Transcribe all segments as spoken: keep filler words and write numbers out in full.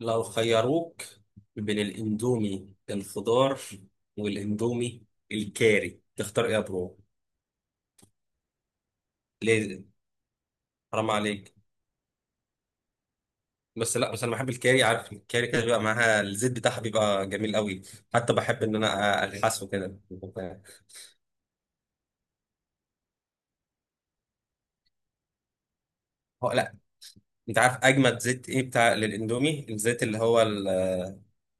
لو خيروك بين الاندومي الخضار والاندومي الكاري تختار ايه يا برو؟ ليه؟ حرام عليك. بس لا، بس انا بحب الكاري، عارف الكاري كده بيبقى معاها الزيت بتاعها بيبقى جميل قوي. حتى بحب ان انا الحسه كده. هو لا، انت عارف اجمد زيت ايه بتاع للاندومي؟ الزيت اللي هو ال-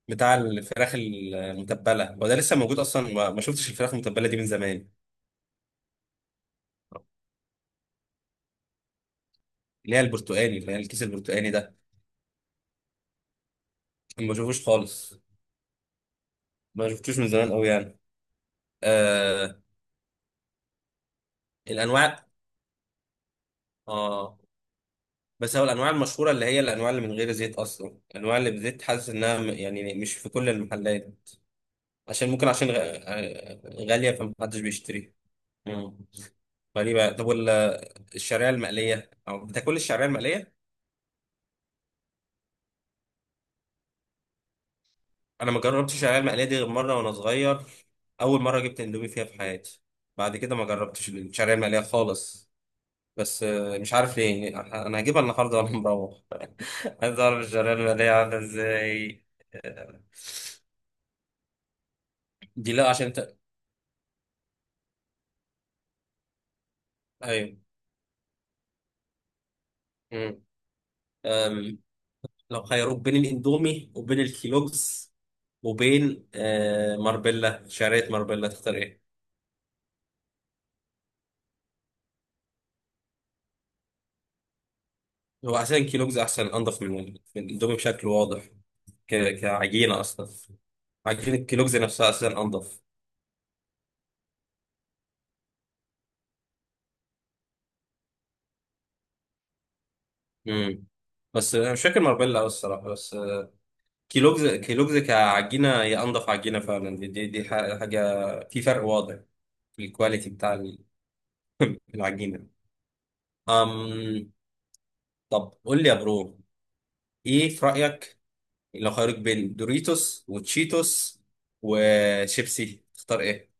بتاع الفراخ المتبله، وده لسه موجود اصلا؟ ما ما شفتش الفراخ المتبله دي من زمان، اللي هي البرتقاني، اللي هي الكيس البرتقاني ده. ما بشوفوش خالص، ما شفتوش من زمان قوي يعني. آه، الانواع. اه بس هو الانواع المشهوره، اللي هي الانواع اللي من غير زيت اصلا، الانواع اللي بزيت حاسس انها م- يعني مش في كل المحلات. عشان ممكن عشان غ- آه، غاليه فمحدش بيشتريها. مم. غريبه. طب وال- الشعريه المقليه، او بتاكل الشعريه المقليه؟ انا ما جربتش الشعريه المقليه دي غير مره وانا صغير، اول مره جبت اندومي فيها في حياتي. بعد كده ما جربتش الشعريه المقليه خالص. بس آه، مش عارف ليه يعني، انا هجيبها النهارده وانا مروح، عايز اعرف الشعريه الماليه عامله ازاي. آه، دي لا عشان انت. ايوه. مم. أم، لو خيروك بين الاندومي وبين الكيلوجز وبين آه، ماربيلا، شعريه ماربيلا، تختار ايه؟ هو عشان الكيلوجز احسن انضف من من الاندومي بشكل واضح، ك- كعجينه اصلا. عجينه الكيلوجز نفسها اساسا انضف. امم. بس انا مش فاكر ماربيلا قوي الصراحه، بس آه، كيلوجز كيلوجز كعجينه هي انضف عجينه فعلا. دي دي, دي ح- حاجه، في فرق واضح، الكواليتي بتاع العجينة. أم. طب قول لي يا برو، إيه في رأيك، لو خيروك بين دوريتوس وتشيتوس وشيبسي تختار إيه؟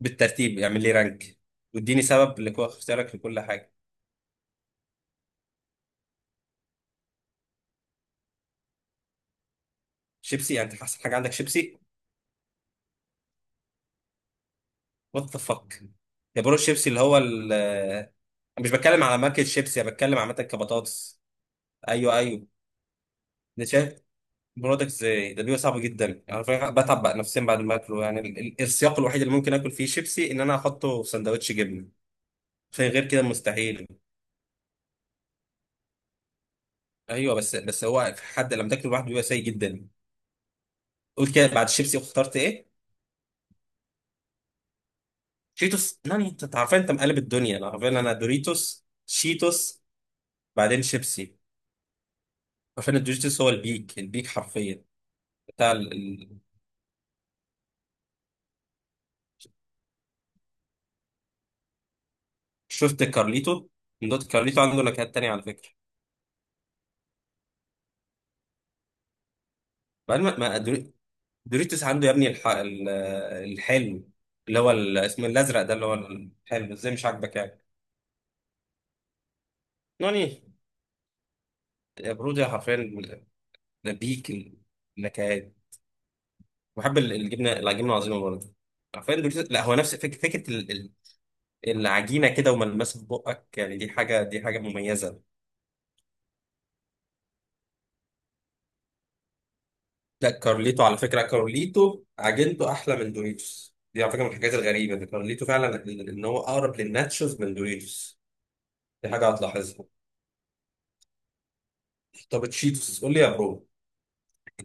بالترتيب، اعمل لي رانك واديني سبب لكو اختيارك لكل حاجة. شيبسي؟ يعني أنت أحسن حاجة عندك شيبسي؟ وات ذا فك يا برو، الشيبسي اللي هو ال أنا مش بتكلم على ماركة شيبسي، أنا بتكلم عامة كبطاطس. أيوه، أيوه. أنا شايف. برودكت ازاي ده، بيبقى صعب جدا يعني، فعلا بتعب بقى نفسيا بعد ما اكله. يعني ال- ال- السياق الوحيد اللي ممكن اكل فيه شيبسي ان انا احطه في سندوتش جبنه، فغير كده مستحيل. ايوه بس، بس هو في حد لما تاكله لوحده بيبقى سيء جدا. قلت كده، بعد الشيبسي اخترت ايه؟ شيتوس؟ لا انت عارفين، انت مقلب الدنيا، انا عارفين انا: دوريتوس، شيتوس، بعدين شيبسي. عارفين الدوريتوس هو البيك، البيك حرفيا بتاع ال... ال-. شفت كارليتو؟ من دوت؟ كارليتو عنده نكهات تانية على فكره. بعد ما ما دوريتوس عنده يا ابني الح... ال- الحلو، اللي هو ال- اسمه الازرق ده، اللي هو الحلو، ازاي مش عاجبك يعني؟ يعني يا برودي حرفيا، بيك النكهات. بحب ال- الجبنه، العجينه العظيمه برضه. حرفيا دوريتوس، لا هو نفس فك... فكره ال... ال- العجينه كده وملمسها في بقك، يعني دي حاجه، دي حاجه مميزه. لا كارليتو على فكره، كارليتو عجينته احلى من دوريتوس، دي على فكره من الحاجات الغريبه ان كارليتو فعلا، ان إن هو اقرب للناتشوز من دوريتوس. دي حاجه هتلاحظها. طب تشيتوس قول لي يا برو،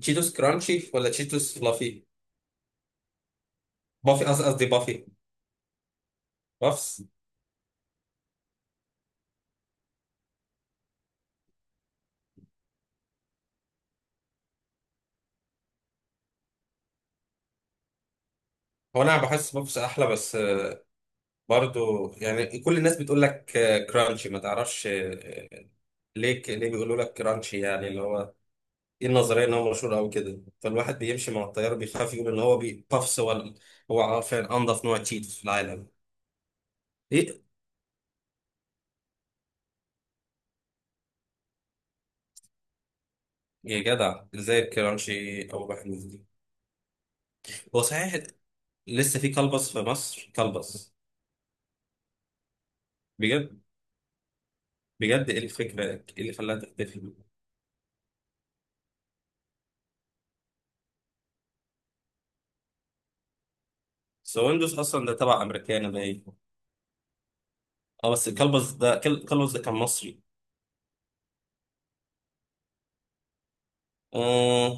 تشيتوس كرانشي ولا تشيتوس فلافي؟ بافي، قص- قصدي بافي. بافس. هو انا بحس بافس احلى، بس آه، برضو يعني كل الناس بتقول لك آه، كرانشي، ما تعرفش آه، ليه، ك- ليه بيقولوا لك كرانشي؟ يعني اللي هو ايه النظريه، ان هو مشهور او كده، فالواحد بيمشي مع التيار بيخاف يقول ان هو بي- بافس ولا. هو عارفين انضف نوع تشيتوس في العالم. ايه؟ يا جدع ازاي الكرانشي اول واحد نزل؟ هو صحيح لسه في كلبس في مصر؟ كلبس، بجد؟ بجد، ايه الفكره، ايه اللي خلاها تختفي؟ بس هو ويندوز اصلا ده تبع امريكان باين. اه بس كلبز ده، كل- كلبز ده كان مصري. آه.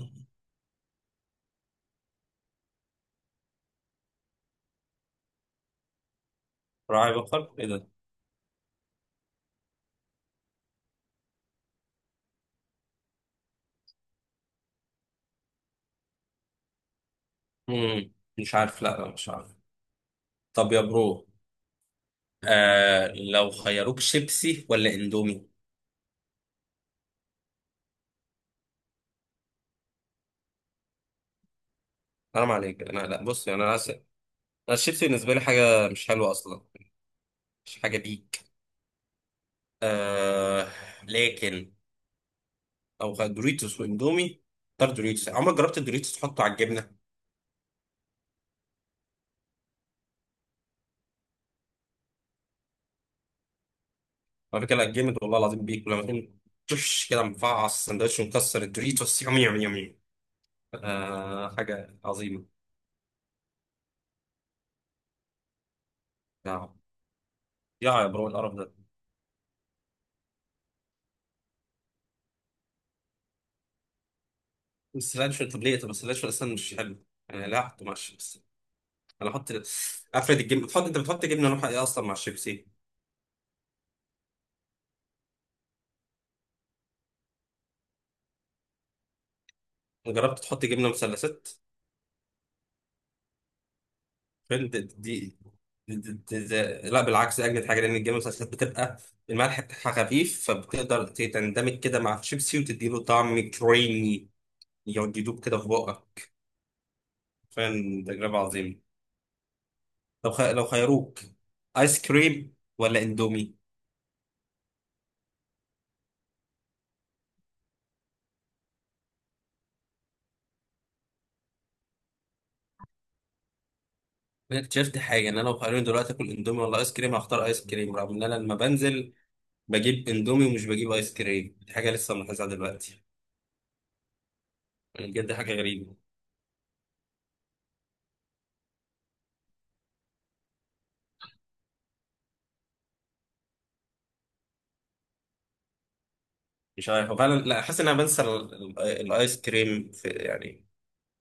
راعي بقر ايه ده؟ مم. مش عارف، لا، لا مش عارف. طب يا برو، آه لو خيروك شيبسي ولا اندومي؟ حرام عليك، انا لا بص، يعني انا عايز، انا الشيبسي بالنسبه لي حاجه مش حلوه اصلا، مش حاجه ليك. آه. لكن او خ- دوريتوس واندومي، اختار دوريتوس. عمرك جربت الدوريتوس تحطه على الجبنه؟ على فكره لا جامد والله العظيم، بيك. ولما تكون تش كده مفعص السندوتش ومكسر الدوريتوس، يوم يوم يوم يوم، آه حاجه عظيمه. يا يا برو القرف ده. السلانشو، طب ليه؟ طب السلانشو اصلا مش حلو انا لا احطه مع الشيبسي. انا احط، افرد الجبنه، بتحط انت، بتحط جبنه نوعها ايه اصلا مع الشيبسي؟ جربت تحط جبنه مثلثات؟ فين دي، دي, دي, دي, دي, لا بالعكس، دي اجمد حاجه، لان الجبنه المثلثات بتبقى الملح بتاعها خفيف، فبتقدر تندمج كده مع الشيبسي وتديله طعم كريمي يقعد يدوب كده في بقك، فعلا تجربة عظيمة. لو خ... لو خيروك ايس كريم ولا اندومي؟ انا اكتشفت حاجة ان انا لو خيروني دلوقتي اكل اندومي ولا ايس كريم هختار ايس كريم، رغم ان انا لما بنزل بجيب اندومي ومش بجيب ايس كريم، دي حاجة لسه ملاحظها دلوقتي، يعني بجد حاجة غريبة. مش عارف فعلا، لا حاسس ان انا بنسى ال... ال... الايس كريم، في يعني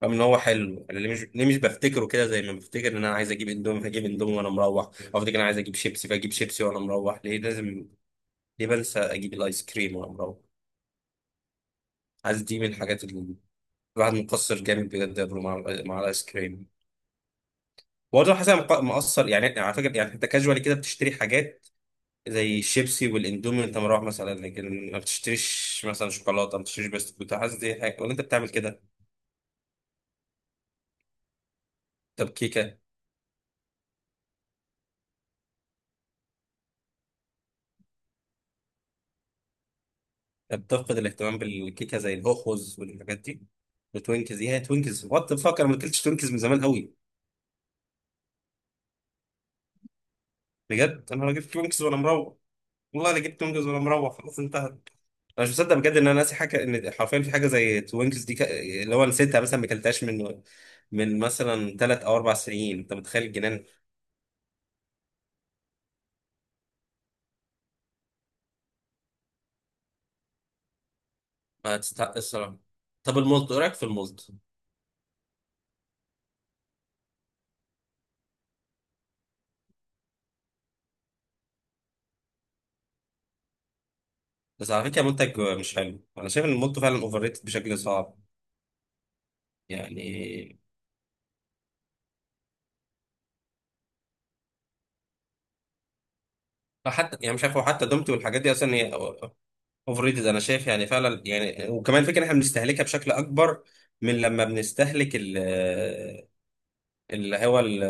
رغم ان هو حلو. انا ليه مش ليه مش بفتكره كده، زي ما بفتكر ان انا عايز اجيب اندومي فاجيب اندومي وانا مروح، او افتكر انا عايز اجيب شيبسي فاجيب شيبسي وانا مروح. ليه لازم ليه بنسى اجيب الايس كريم وانا مروح؟ عايز، دي من الحاجات اللي الواحد مقصر جامد بجد يا برو مع، مع الايس كريم. برضه حاسس أنا مق- مقصر، يعني على فكره. يعني انت كاجوالي كده بتشتري حاجات زي الشيبسي والاندومي وانت مروح مثلا، لكن ما بتشتريش مثلا شوكولاته، ما بتشتريش بسكوت، حاسس دي حاجه، ولا انت بتعمل كده؟ طب كيكه؟ طب تفقد الاهتمام بالكيكه زي الهوخوز والحاجات دي؟ وتوينكز، ايه هي توينكز؟ وات ذا فاك، انا ما اكلتش توينكز من زمان قوي. بجد، انا جبت توينكز وانا مروح، والله انا جبت توينكز وانا مروح، خلاص انتهت. انا مش مصدق بجد ان انا ناسي حاجه، ان حرفيا في حاجه زي توينكس دي، ك... اللي هو نسيتها مثلا، ما اكلتهاش من من مثلا ثلاث او اربع سنين. انت متخيل الجنان؟ ما تستحق الصراحه. طب المولت، ايه رايك في المولت؟ بس على فكره منتج مش حلو، انا شايف ان المولت فعلا اوفر ريتد بشكل صعب، يعني. حتى يعني مش عارف، هو حتى دومتي والحاجات دي اصلا هي اوفر ريتد انا شايف، يعني فعلا يعني. وكمان فكره ان احنا بنستهلكها بشكل اكبر، من لما بنستهلك اللي هو ال-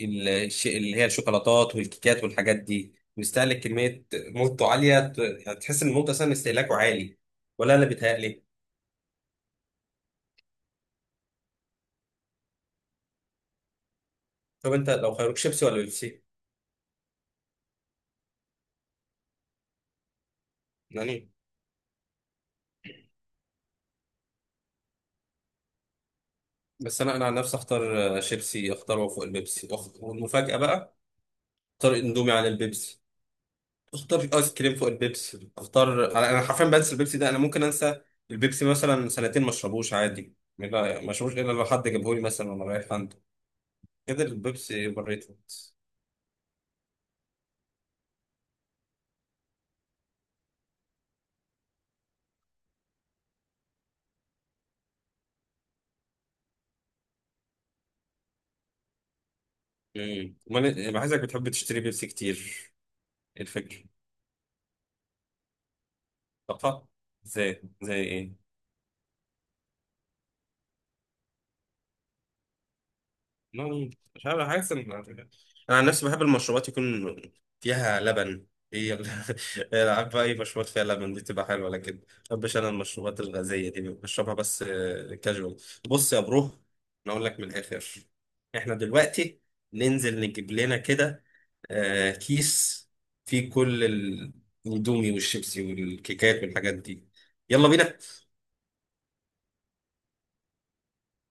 ال- الش- اللي هي الشوكولاتات والكيكات والحاجات دي، بيستهلك كمية موته عالية، ت- يعني تحس إن الموت أصلا استهلاكه عالي، ولا أنا بيتهيألي؟ طب أنت لو خيروك شيبسي ولا بيبسي؟ يعني بس أنا، أنا عن نفسي أختار شيبسي، أختاره فوق البيبسي. وأخ- والمفاجأة بقى، أختار إندومي على البيبسي، أختار آيس كريم فوق البيبسي، أختار، أنا أنا حرفيا بنسى البيبسي ده. أنا ممكن أنسى البيبسي مثلا سنتين ما أشربوش عادي، ما ما أشربوش إلا لو حد جابهولي مثلا وأنا رايح عند كده. البيبسي اوفر ريتد. امم، امال إيه؟ بحسك بتحب تشتري بيبسي كتير، ايه الفكره؟ طاقه؟ زي زي ايه؟ مم، مش عارف، حاسس ان انا عن نفسي بحب المشروبات يكون فيها لبن. هي ال- هي عارف بقى، اي مشروبات فيها لبن دي تبقى حلوه، لكن ما بحبش انا المشروبات الغازيه دي، بشربها بس كاجوال. بص يا برو، انا اقول لك من الاخر، احنا دلوقتي ننزل نجيب لنا كده آه كيس فيه كل ال- الاندومي والشيبسي والكيكات والحاجات دي. يلا بينا.